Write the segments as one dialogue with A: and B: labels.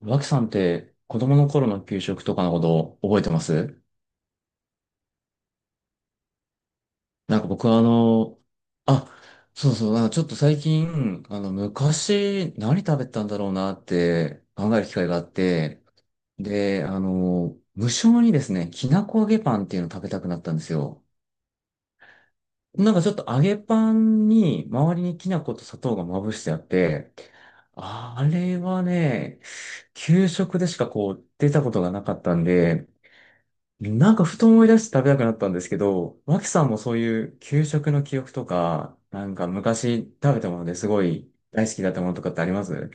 A: 脇さんって子供の頃の給食とかのこと覚えてます？なんか僕はあの、あ、そうそう、なんかちょっと最近、昔何食べたんだろうなって考える機会があって、で、あの、無性にですね、きなこ揚げパンっていうのを食べたくなったんですよ。なんかちょっと揚げパンに周りにきな粉と砂糖がまぶしてあって、あれはね、給食でしかこう出たことがなかったんで、なんかふと思い出して食べたくなったんですけど、脇さんもそういう給食の記憶とか、なんか昔食べたものですごい大好きだったものとかってあります？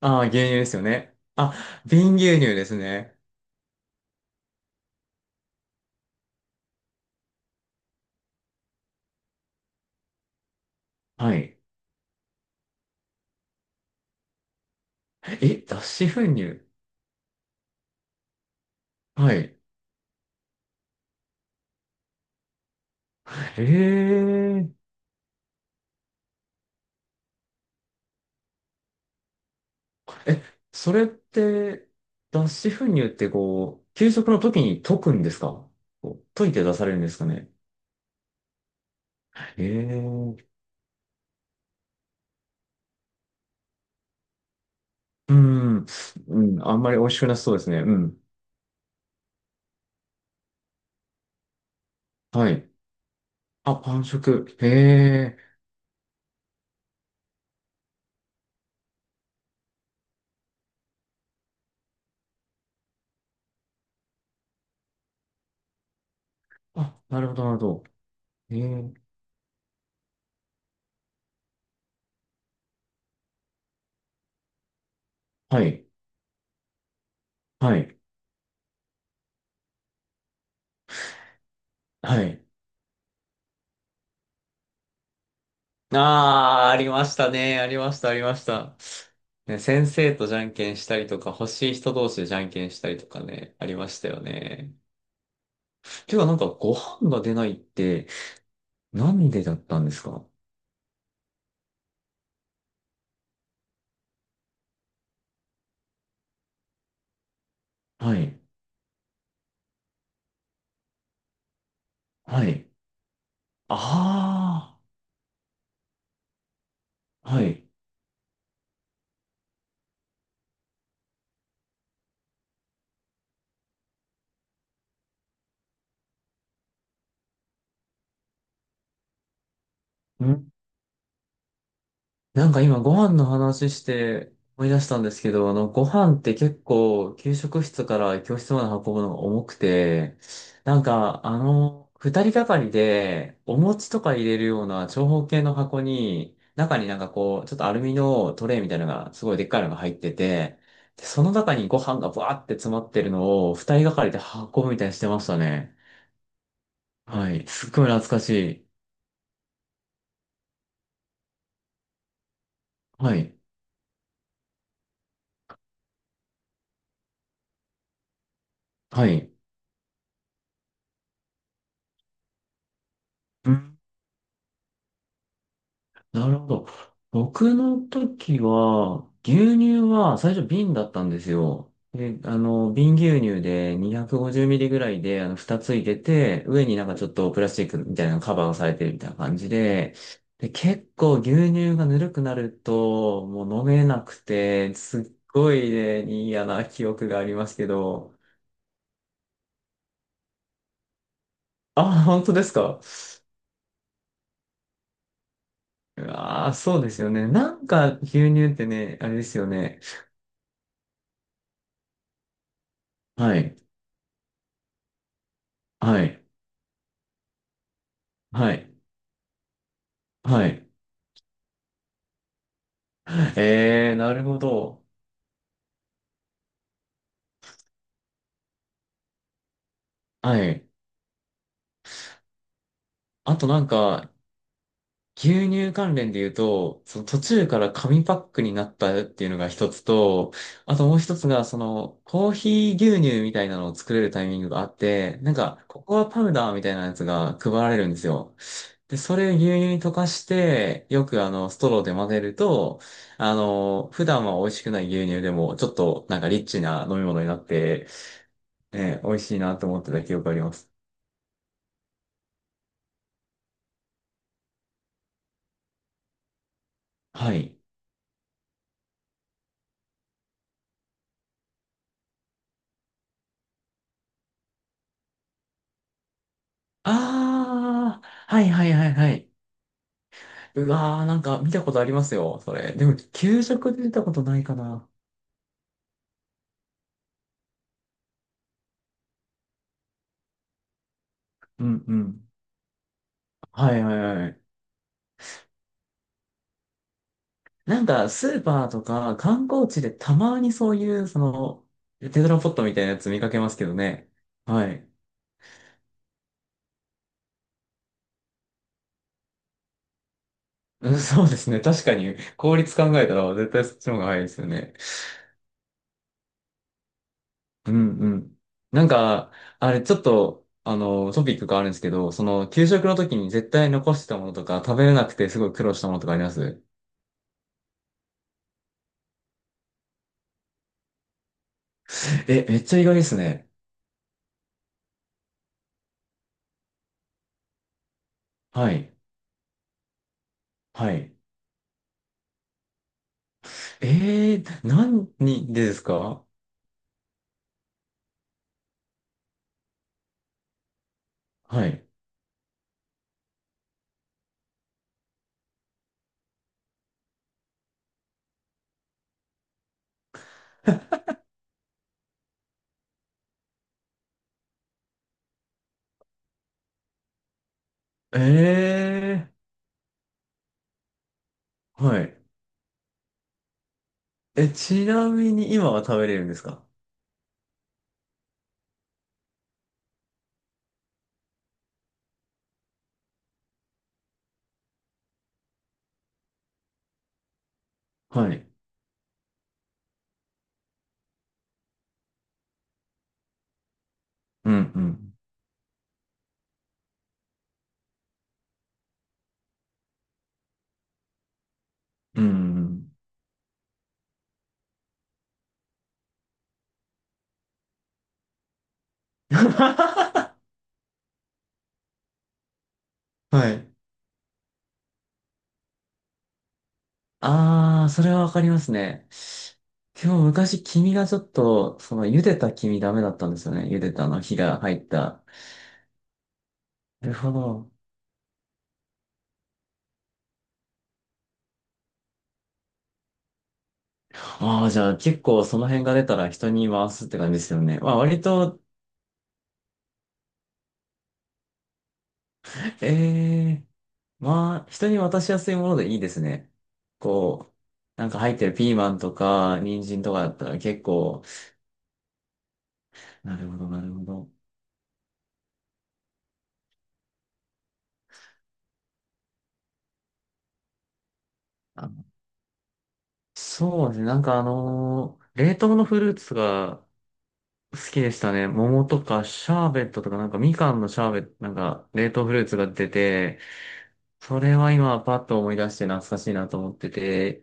A: ああー、牛乳ですよね。あ、瓶牛乳ですね。はい。え、脱脂粉乳？はい。ええ。え、それって、脱脂粉乳ってこう、給食の時に溶くんですか？こう溶いて出されるんですかね？ええ。うん、うん、あんまり美味しくなさそうですね。うん。はい。あ、パン食。へえ。あ、なるほど、なるほど。へえ。はい。はい。はい。ああ、ありましたね。ありました、ありました。ね、先生とじゃんけんしたりとか、欲しい人同士でじゃんけんしたりとかね、ありましたよね。てか、なんか、ご飯が出ないって、なんでだったんですか？はい。はい。ああ。はい。ん。なんか今ご飯の話して思い出したんですけど、あの、ご飯って結構給食室から教室まで運ぶのが重くて、二人がかりでお餅とか入れるような長方形の箱に、中になんかこう、ちょっとアルミのトレイみたいなのがすごいでっかいのが入ってて、で、その中にご飯がバーって詰まってるのを二人がかりで運ぶみたいにしてましたね。はい。すっごい懐かしい。はい。はい。うん。なるほど。僕の時は、牛乳は最初瓶だったんですよ。で、あの、瓶牛乳で250ミリぐらいで、あの、蓋ついてて、上になんかちょっとプラスチックみたいなのカバーをされてるみたいな感じで、で、結構牛乳がぬるくなると、もう飲めなくて、すっごいね、嫌な記憶がありますけど、あ、本当ですか？うわー、そうですよね。なんか牛乳ってね、あれですよね。はい、はい、はい。はい。えー、なるほど。はい。あとなんか、牛乳関連で言うと、その途中から紙パックになったっていうのが一つと、あともう一つが、その、コーヒー牛乳みたいなのを作れるタイミングがあって、なんか、ココアパウダーみたいなやつが配られるんですよ。で、それを牛乳に溶かして、よく、ストローで混ぜると、あの、普段は美味しくない牛乳でも、ちょっとなんかリッチな飲み物になって、ね、美味しいなと思ってた記憶があります。はい。ああ、はいはいはいはい。うわー、なんか見たことありますよ、それ。でも、給食で見たことないかな。うんうん。はいはいはい。なんか、スーパーとか観光地でたまにそういう、その、テトラポットみたいなやつ見かけますけどね。はい。うん、そうですね。確かに、効率考えたら絶対そっちの方が早いですよね。うんうん。なんか、あれ、ちょっと、あの、トピックがあるんですけど、その、給食の時に絶対残してたものとか、食べれなくてすごい苦労したものとかあります？え、めっちゃ意外ですね。はい。はい。えー、何でですか？はい。えー、はい。え、ちなみに今は食べれるんですか？はい。うんうん。うんうん。はい。ああ、それはわかりますね。今日昔、黄身がちょっと、その、茹でた黄身ダメだったんですよね。茹でたあの、火が入った。なるほど。ああ、じゃあ結構その辺が出たら人に回すって感じですよね。まあ割と、ええ。まあ人に渡しやすいものでいいですね。こう、なんか入ってるピーマンとか、人参とかだったら結構、なるほど、なるほど。あ、そうですね。なんかあのー冷凍のフルーツが好きでしたね。桃とかシャーベットとかなんかみかんのシャーベット、なんか冷凍フルーツが出て、それは今パッと思い出して懐かしいなと思ってて。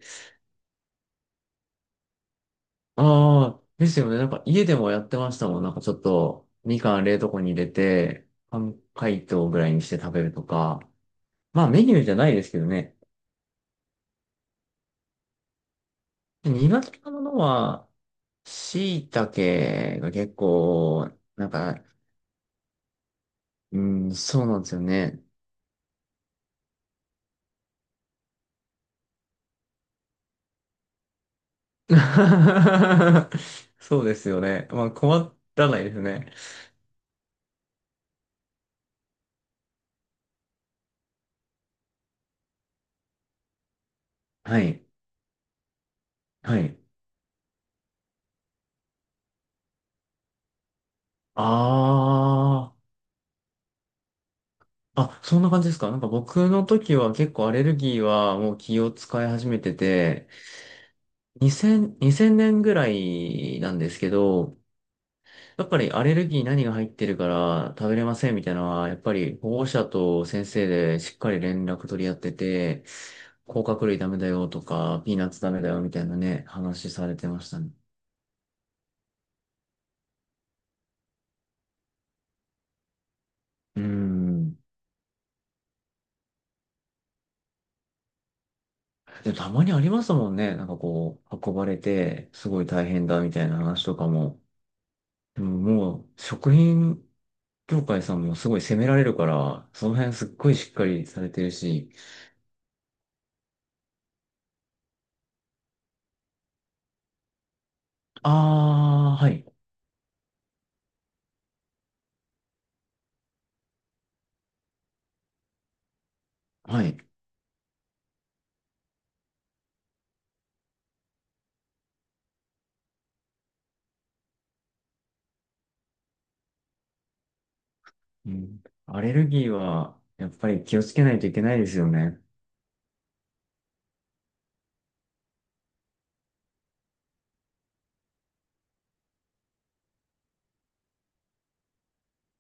A: ああ、ですよね。なんか家でもやってましたもん。なんかちょっとみかん冷凍庫に入れて、半解凍ぐらいにして食べるとか。まあメニューじゃないですけどね。苦手なものは、椎茸が結構、なんか、うん、そうなんですよね。そうですよね。まあ、困らないですね。はい。はい。ああ。あ、そんな感じですか。なんか僕の時は結構アレルギーはもう気を使い始めてて、2000、年ぐらいなんですけど、やっぱりアレルギー何が入ってるから食べれませんみたいなのは、やっぱり保護者と先生でしっかり連絡取り合ってて、甲殻類ダメだよとか、ピーナッツダメだよみたいなね、話されてましたね。うーん。でもたまにありますもんね。なんかこう、運ばれて、すごい大変だみたいな話とかも。でももう、食品業界さんもすごい責められるから、その辺すっごいしっかりされてるし。ああ、はい、はい。うん、アレルギーは、やっぱり気をつけないといけないですよね。